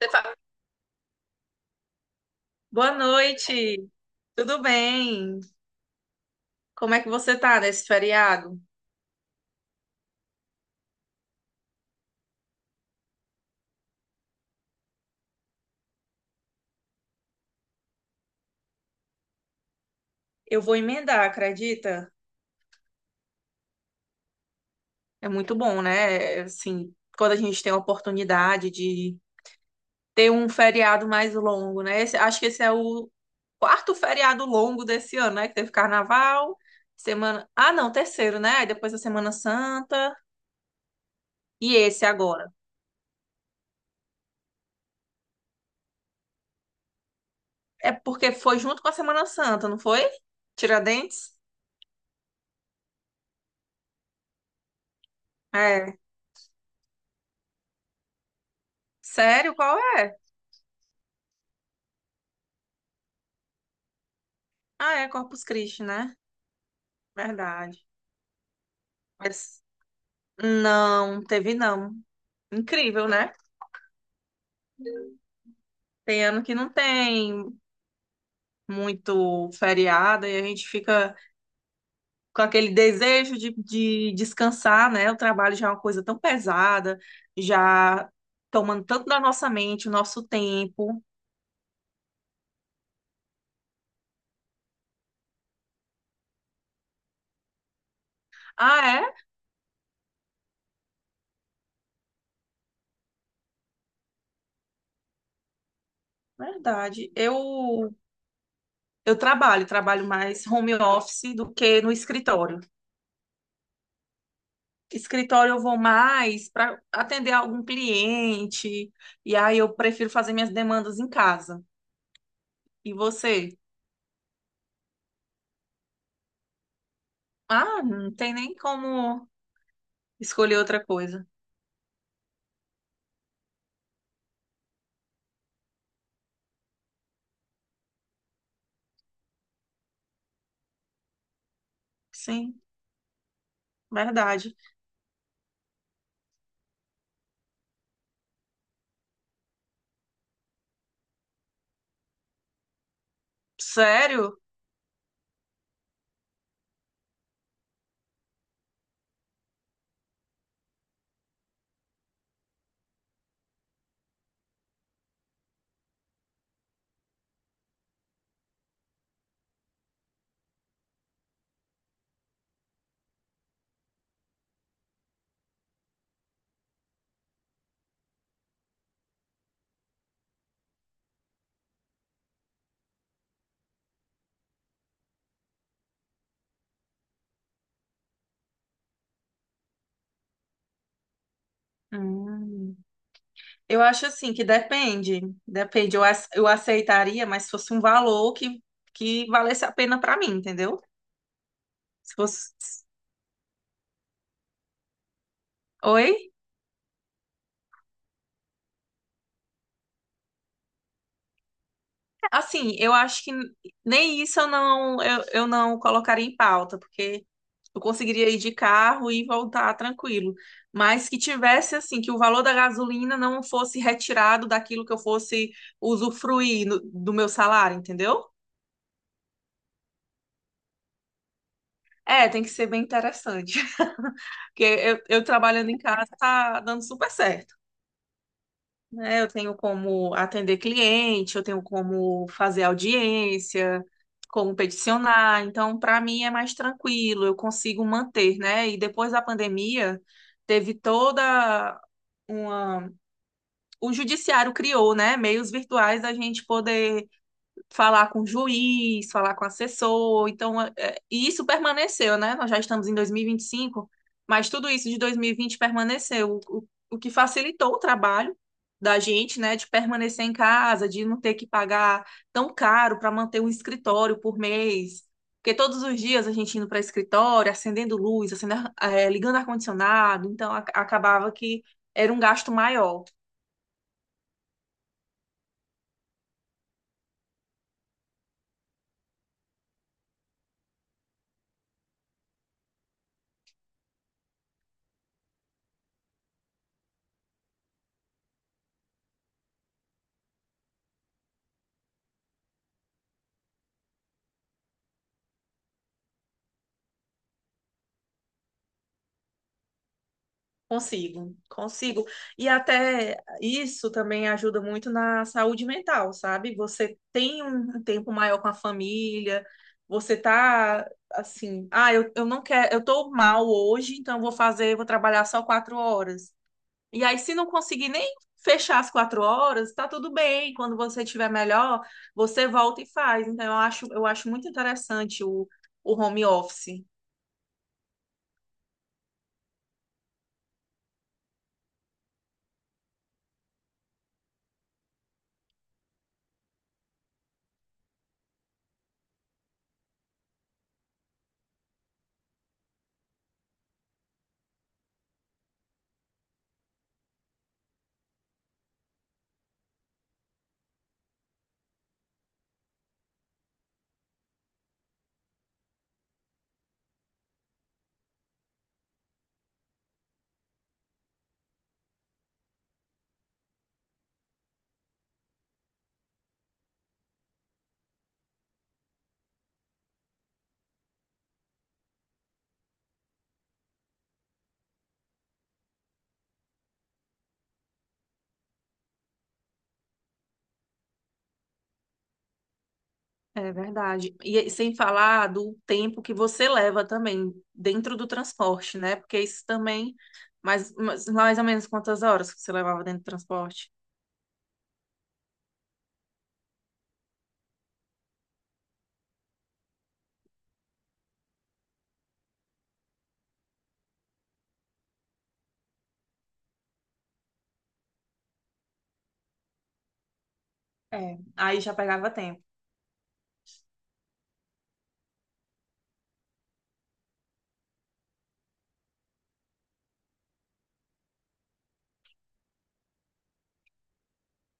Você fala, Boa noite, tudo bem? Como é que você tá nesse feriado? Eu vou emendar, acredita? É muito bom, né? Assim, quando a gente tem a oportunidade de ter um feriado mais longo, né? Acho que esse é o quarto feriado longo desse ano, né? Que teve carnaval, semana. Ah, não, terceiro, né? Aí depois a Semana Santa e esse agora. É porque foi junto com a Semana Santa, não foi? Tiradentes? É. Sério? Qual é? Ah, é Corpus Christi, né? Verdade. Mas não, teve não. Incrível, né? Tem ano que não tem muito feriado e a gente fica com aquele desejo de descansar, né? O trabalho já é uma coisa tão pesada, já tomando tanto da nossa mente, o nosso tempo. Ah, é? Verdade. Eu trabalho mais home office do que no escritório. Escritório eu vou mais para atender algum cliente, e aí eu prefiro fazer minhas demandas em casa. E você? Ah, não tem nem como escolher outra coisa. Sim, verdade. Sério? Hum. Eu acho assim que depende. Depende. Eu aceitaria, mas se fosse um valor que valesse a pena para mim, entendeu? Se fosse. Oi? Assim, eu acho que nem isso eu não colocaria em pauta, porque eu conseguiria ir de carro e voltar tranquilo. Mas que tivesse, assim, que o valor da gasolina não fosse retirado daquilo que eu fosse usufruir do meu salário, entendeu? É, tem que ser bem interessante. Porque eu trabalhando em casa tá dando super certo. Né? Eu tenho como atender cliente, eu tenho como fazer audiência, como peticionar. Então, para mim é mais tranquilo, eu consigo manter, né? E depois da pandemia, teve toda uma. O judiciário criou, né? Meios virtuais da gente poder falar com o juiz, falar com o assessor. Então, e isso permaneceu, né? Nós já estamos em 2025, mas tudo isso de 2020 permaneceu, o que facilitou o trabalho da gente, né, de permanecer em casa, de não ter que pagar tão caro para manter um escritório por mês. Porque todos os dias a gente indo para escritório, acendendo luz, acendendo, ligando ar-condicionado, então acabava que era um gasto maior. Consigo, consigo. E até isso também ajuda muito na saúde mental, sabe? Você tem um tempo maior com a família, você tá assim, ah, eu não quero, eu tô mal hoje, então vou trabalhar só 4 horas. E aí, se não conseguir nem fechar as 4 horas, tá tudo bem. Quando você estiver melhor, você volta e faz. Então, eu acho muito interessante o, home office. É verdade. E aí, sem falar do tempo que você leva também dentro do transporte, né? Porque isso também, mais ou menos quantas horas que você levava dentro do transporte? É, aí já pegava tempo.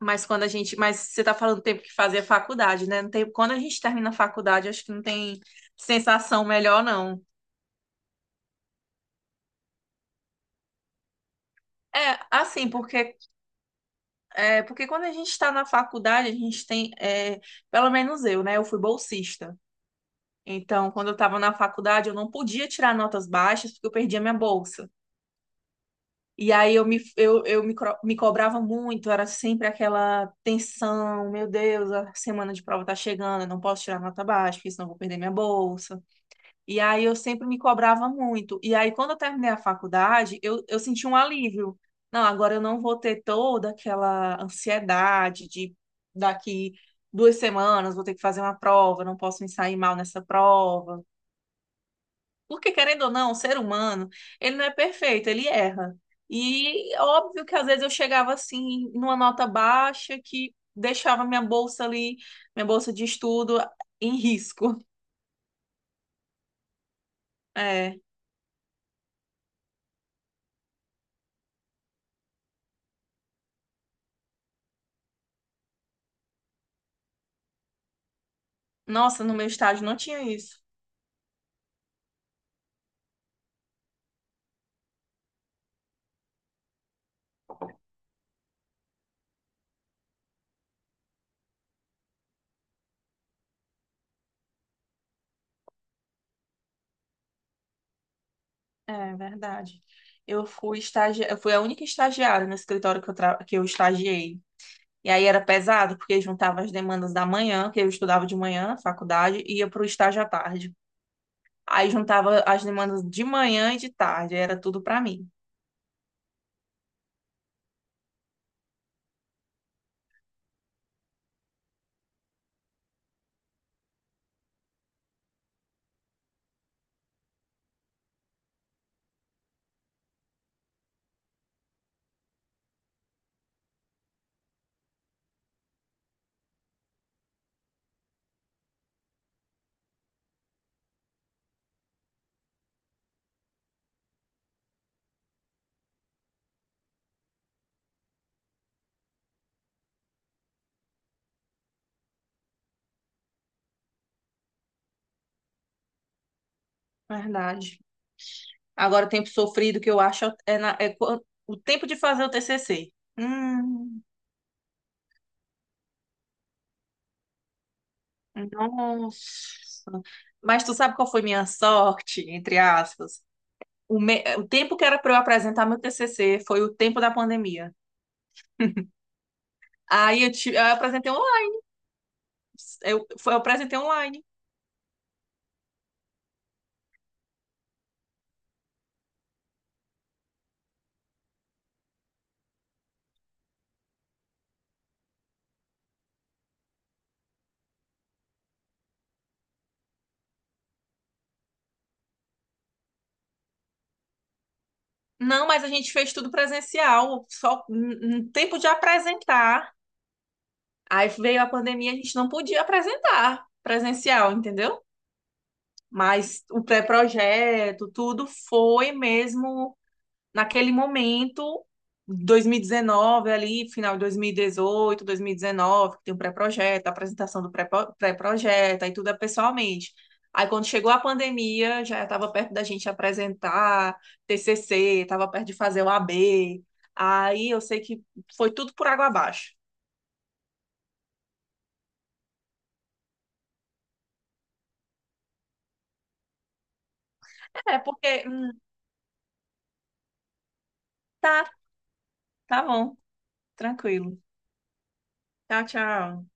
Mas você está falando do tempo que fazia faculdade, né? Não tem- quando a gente termina a faculdade, acho que não tem sensação melhor, não. É, assim, porque quando a gente está na faculdade, a gente tem, pelo menos eu, né? Eu fui bolsista. Então, quando eu estava na faculdade, eu não podia tirar notas baixas porque eu perdia minha bolsa. E aí eu me, cro- me cobrava muito, era sempre aquela tensão, meu Deus, a semana de prova tá chegando, eu não posso tirar nota baixa, porque senão eu vou perder minha bolsa. E aí eu sempre me cobrava muito. E aí quando eu terminei a faculdade, eu senti um alívio. Não, agora eu não vou ter toda aquela ansiedade de daqui 2 semanas vou ter que fazer uma prova, não posso me sair mal nessa prova. Porque, querendo ou não, o ser humano, ele não é perfeito, ele erra. E óbvio que às vezes eu chegava assim, numa nota baixa, que deixava minha bolsa ali, minha bolsa de estudo, em risco. É. Nossa, no meu estágio não tinha isso. É verdade. Eu fui a única estagiária no escritório que eu estagiei. E aí era pesado, porque juntava as demandas da manhã, que eu estudava de manhã na faculdade, e ia para o estágio à tarde. Aí juntava as demandas de manhã e de tarde, era tudo pra mim. Verdade. Agora o tempo sofrido que eu acho é, o tempo de fazer o TCC. Hum, nossa. Mas tu sabe qual foi minha sorte, entre aspas? O tempo que era pra eu apresentar meu TCC foi o tempo da pandemia. Aí eu apresentei online. Eu apresentei online. Não, mas a gente fez tudo presencial, só um tempo de apresentar. Aí veio a pandemia, a gente não podia apresentar presencial, entendeu? Mas o pré-projeto, tudo foi mesmo naquele momento, 2019 ali, final de 2018, 2019, que tem o pré-projeto, a apresentação do pré-projeto, aí tudo é pessoalmente. Aí quando chegou a pandemia, já estava perto da gente apresentar TCC, estava perto de fazer o AB. Aí eu sei que foi tudo por água abaixo. É, porque tá, tá bom. Tranquilo. Tchau, tchau.